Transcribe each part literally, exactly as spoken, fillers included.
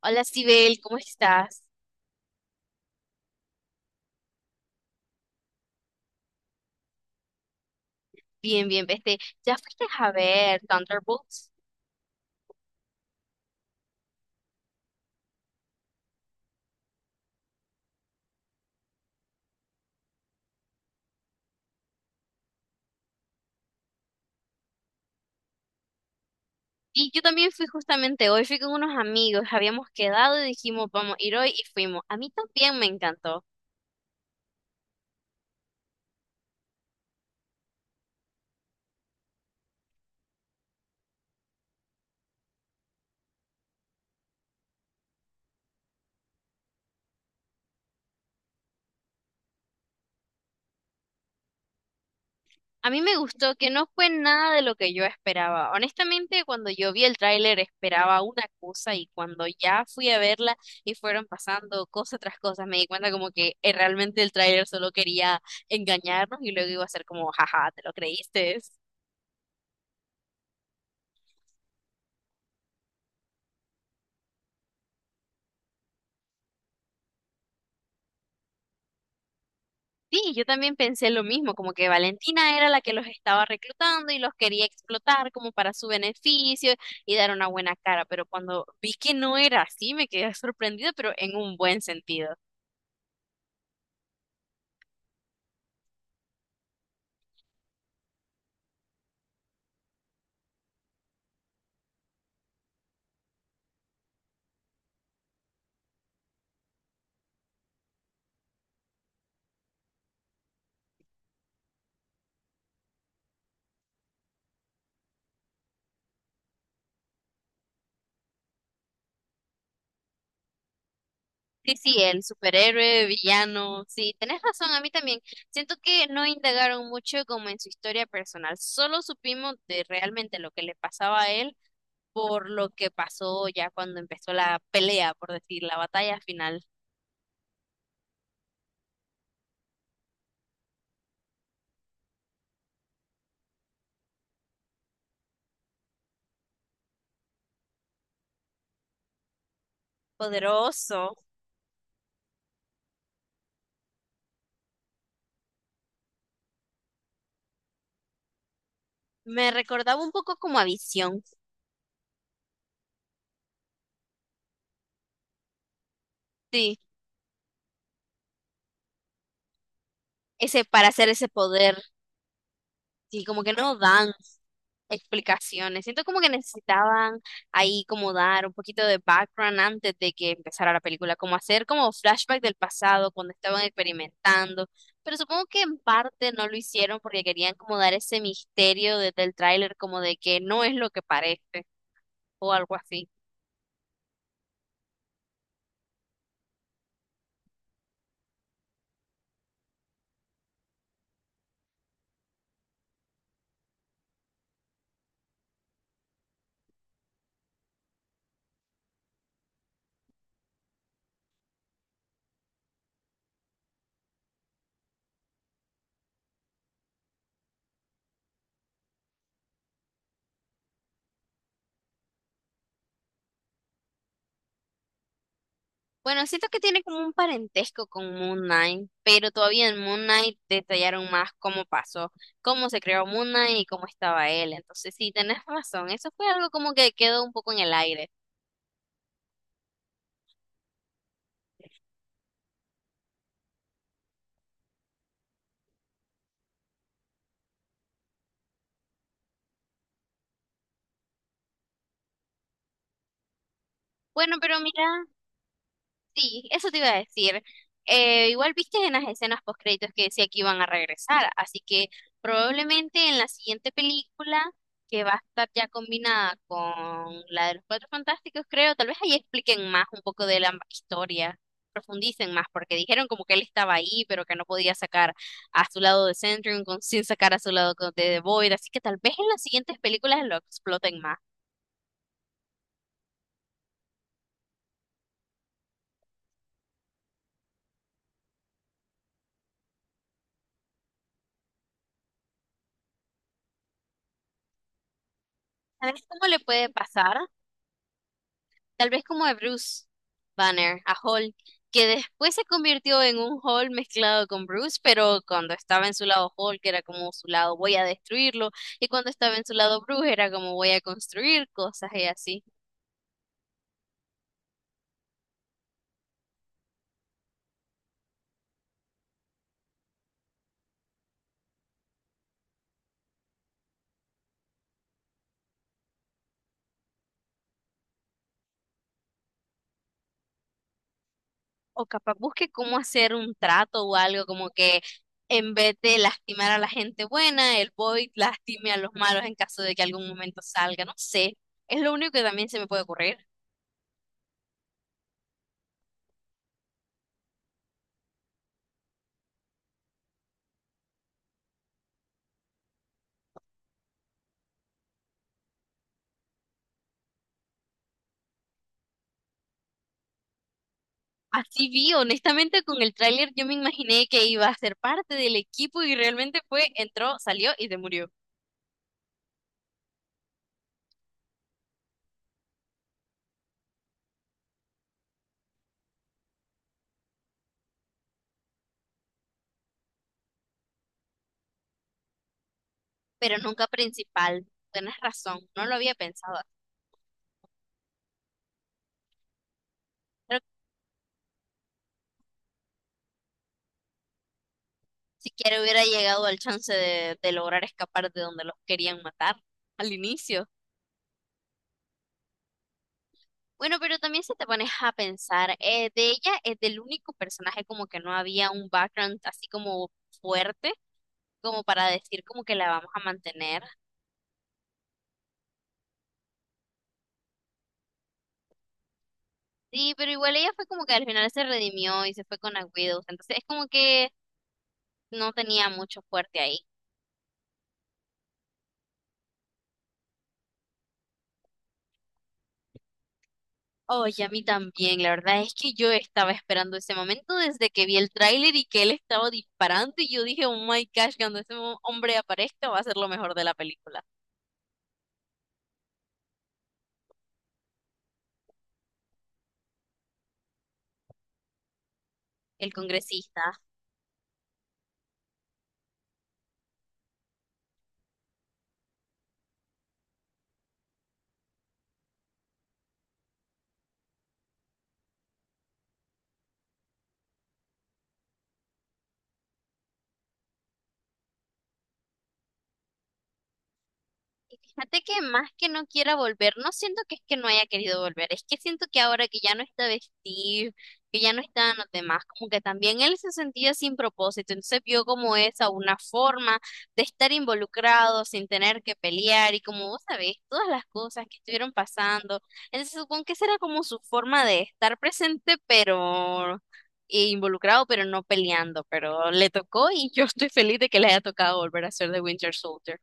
Hola, Sibel, ¿cómo estás? Bien, bien, vete. ¿Ya fuiste a ver Thunderbolts? Y yo también fui justamente hoy, fui con unos amigos, habíamos quedado y dijimos, vamos a ir hoy y fuimos. A mí también me encantó. A mí me gustó que no fue nada de lo que yo esperaba. Honestamente, cuando yo vi el tráiler esperaba una cosa y cuando ya fui a verla y fueron pasando cosa tras cosa, me di cuenta como que eh, realmente el tráiler solo quería engañarnos y luego iba a ser como, jaja, ¿te lo creíste? Sí, yo también pensé lo mismo, como que Valentina era la que los estaba reclutando y los quería explotar como para su beneficio y dar una buena cara, pero cuando vi que no era así, me quedé sorprendida, pero en un buen sentido. Sí, sí, el superhéroe, villano, sí, tenés razón, a mí también. Siento que no indagaron mucho como en su historia personal, solo supimos de realmente lo que le pasaba a él por lo que pasó ya cuando empezó la pelea, por decir, la batalla final. Poderoso. Me recordaba un poco como a Visión, sí, ese para hacer ese poder, sí, como que no dan explicaciones. Siento como que necesitaban ahí como dar un poquito de background antes de que empezara la película, como hacer como flashback del pasado cuando estaban experimentando. Pero supongo que en parte no lo hicieron porque querían como dar ese misterio desde el tráiler, como de que no es lo que parece o algo así. Bueno, siento que tiene como un parentesco con Moon Knight, pero todavía en Moon Knight detallaron más cómo pasó, cómo se creó Moon Knight y cómo estaba él. Entonces, sí, tenés razón, eso fue algo como que quedó un poco en el aire. Bueno, pero mira, sí, eso te iba a decir. Eh, igual viste en las escenas postcréditos que decía que iban a regresar, así que probablemente en la siguiente película, que va a estar ya combinada con la de los Cuatro Fantásticos, creo, tal vez ahí expliquen más un poco de la historia, profundicen más, porque dijeron como que él estaba ahí, pero que no podía sacar a su lado de Centurion con- sin sacar a su lado con- de The Void, así que tal vez en las siguientes películas lo exploten más. ¿Sabes cómo le puede pasar? Tal vez como a Bruce Banner, a Hulk, que después se convirtió en un Hulk mezclado con Bruce, pero cuando estaba en su lado Hulk era como su lado voy a destruirlo, y cuando estaba en su lado Bruce era como voy a construir cosas y así. O capaz busque cómo hacer un trato o algo como que en vez de lastimar a la gente buena, el Void lastime a los malos en caso de que algún momento salga, no sé. Es lo único que también se me puede ocurrir. Así vi, honestamente con el tráiler yo me imaginé que iba a ser parte del equipo y realmente fue, entró, salió y se murió. Pero nunca principal, tienes razón, no lo había pensado. Creo que ni siquiera hubiera llegado al chance de, de lograr escapar de donde los querían matar al inicio. Bueno, pero también si te pones a pensar, eh, de ella es del único personaje como que no había un background así como fuerte, como para decir como que la vamos a mantener. Sí, pero igual ella fue como que al final se redimió y se fue con la Widows. Entonces es como que no tenía mucho fuerte ahí. Oh, y a mí también, la verdad es que yo estaba esperando ese momento desde que vi el tráiler y que él estaba disparando y yo dije, oh my gosh, cuando ese mo- hombre aparezca va a ser lo mejor de la película. El congresista. Y fíjate que más que no quiera volver, no siento que es que no haya querido volver, es que siento que ahora que ya no está vestido, que ya no están los demás, como que también él se sentía sin propósito, entonces vio como esa una forma de estar involucrado sin tener que pelear y como vos sabés, todas las cosas que estuvieron pasando, entonces supongo que esa era como su forma de estar presente, pero e involucrado, pero no peleando, pero le tocó y yo estoy feliz de que le haya tocado volver a ser de Winter Soldier.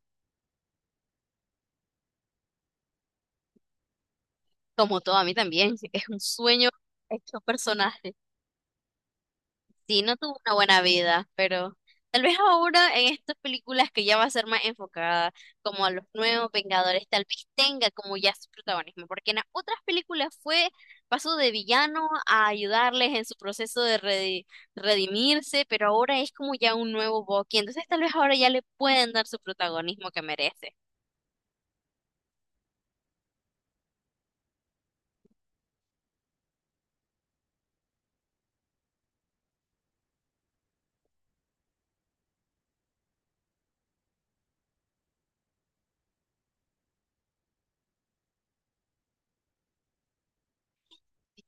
Como todo, a mí también. Es un sueño estos personajes. Sí, no tuvo una buena vida, pero tal vez ahora en estas películas que ya va a ser más enfocada como a los nuevos Vengadores, tal vez tenga como ya su protagonismo, porque en las otras películas fue paso de villano a ayudarles en su proceso de redi- redimirse, pero ahora es como ya un nuevo Bucky, entonces tal vez ahora ya le pueden dar su protagonismo que merece.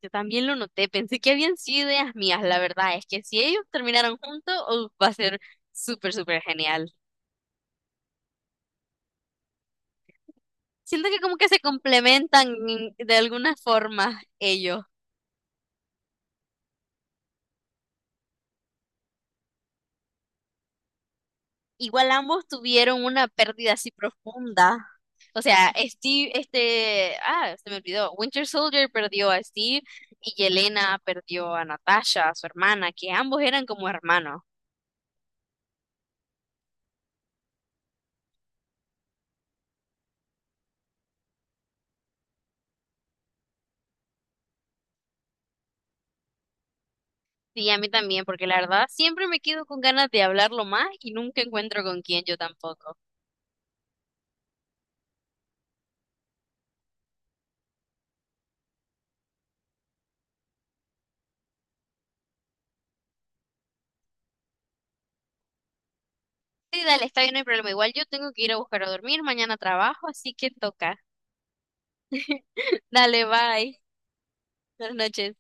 Yo también lo noté, pensé que habían sido ideas mías, la verdad es que si ellos terminaron juntos, uf, va a ser súper, súper genial. Siento que como que se complementan de alguna forma ellos. Igual ambos tuvieron una pérdida así profunda. O sea, Steve, este, ah, se me olvidó, Winter Soldier perdió a Steve y Yelena perdió a Natasha, su hermana, que ambos eran como hermanos. Sí, a mí también, porque la verdad siempre me quedo con ganas de hablarlo más y nunca encuentro con quién yo tampoco. Sí, dale, está bien, no hay problema. Igual yo tengo que ir a buscar a dormir, mañana trabajo, así que toca. Dale, bye. Buenas noches.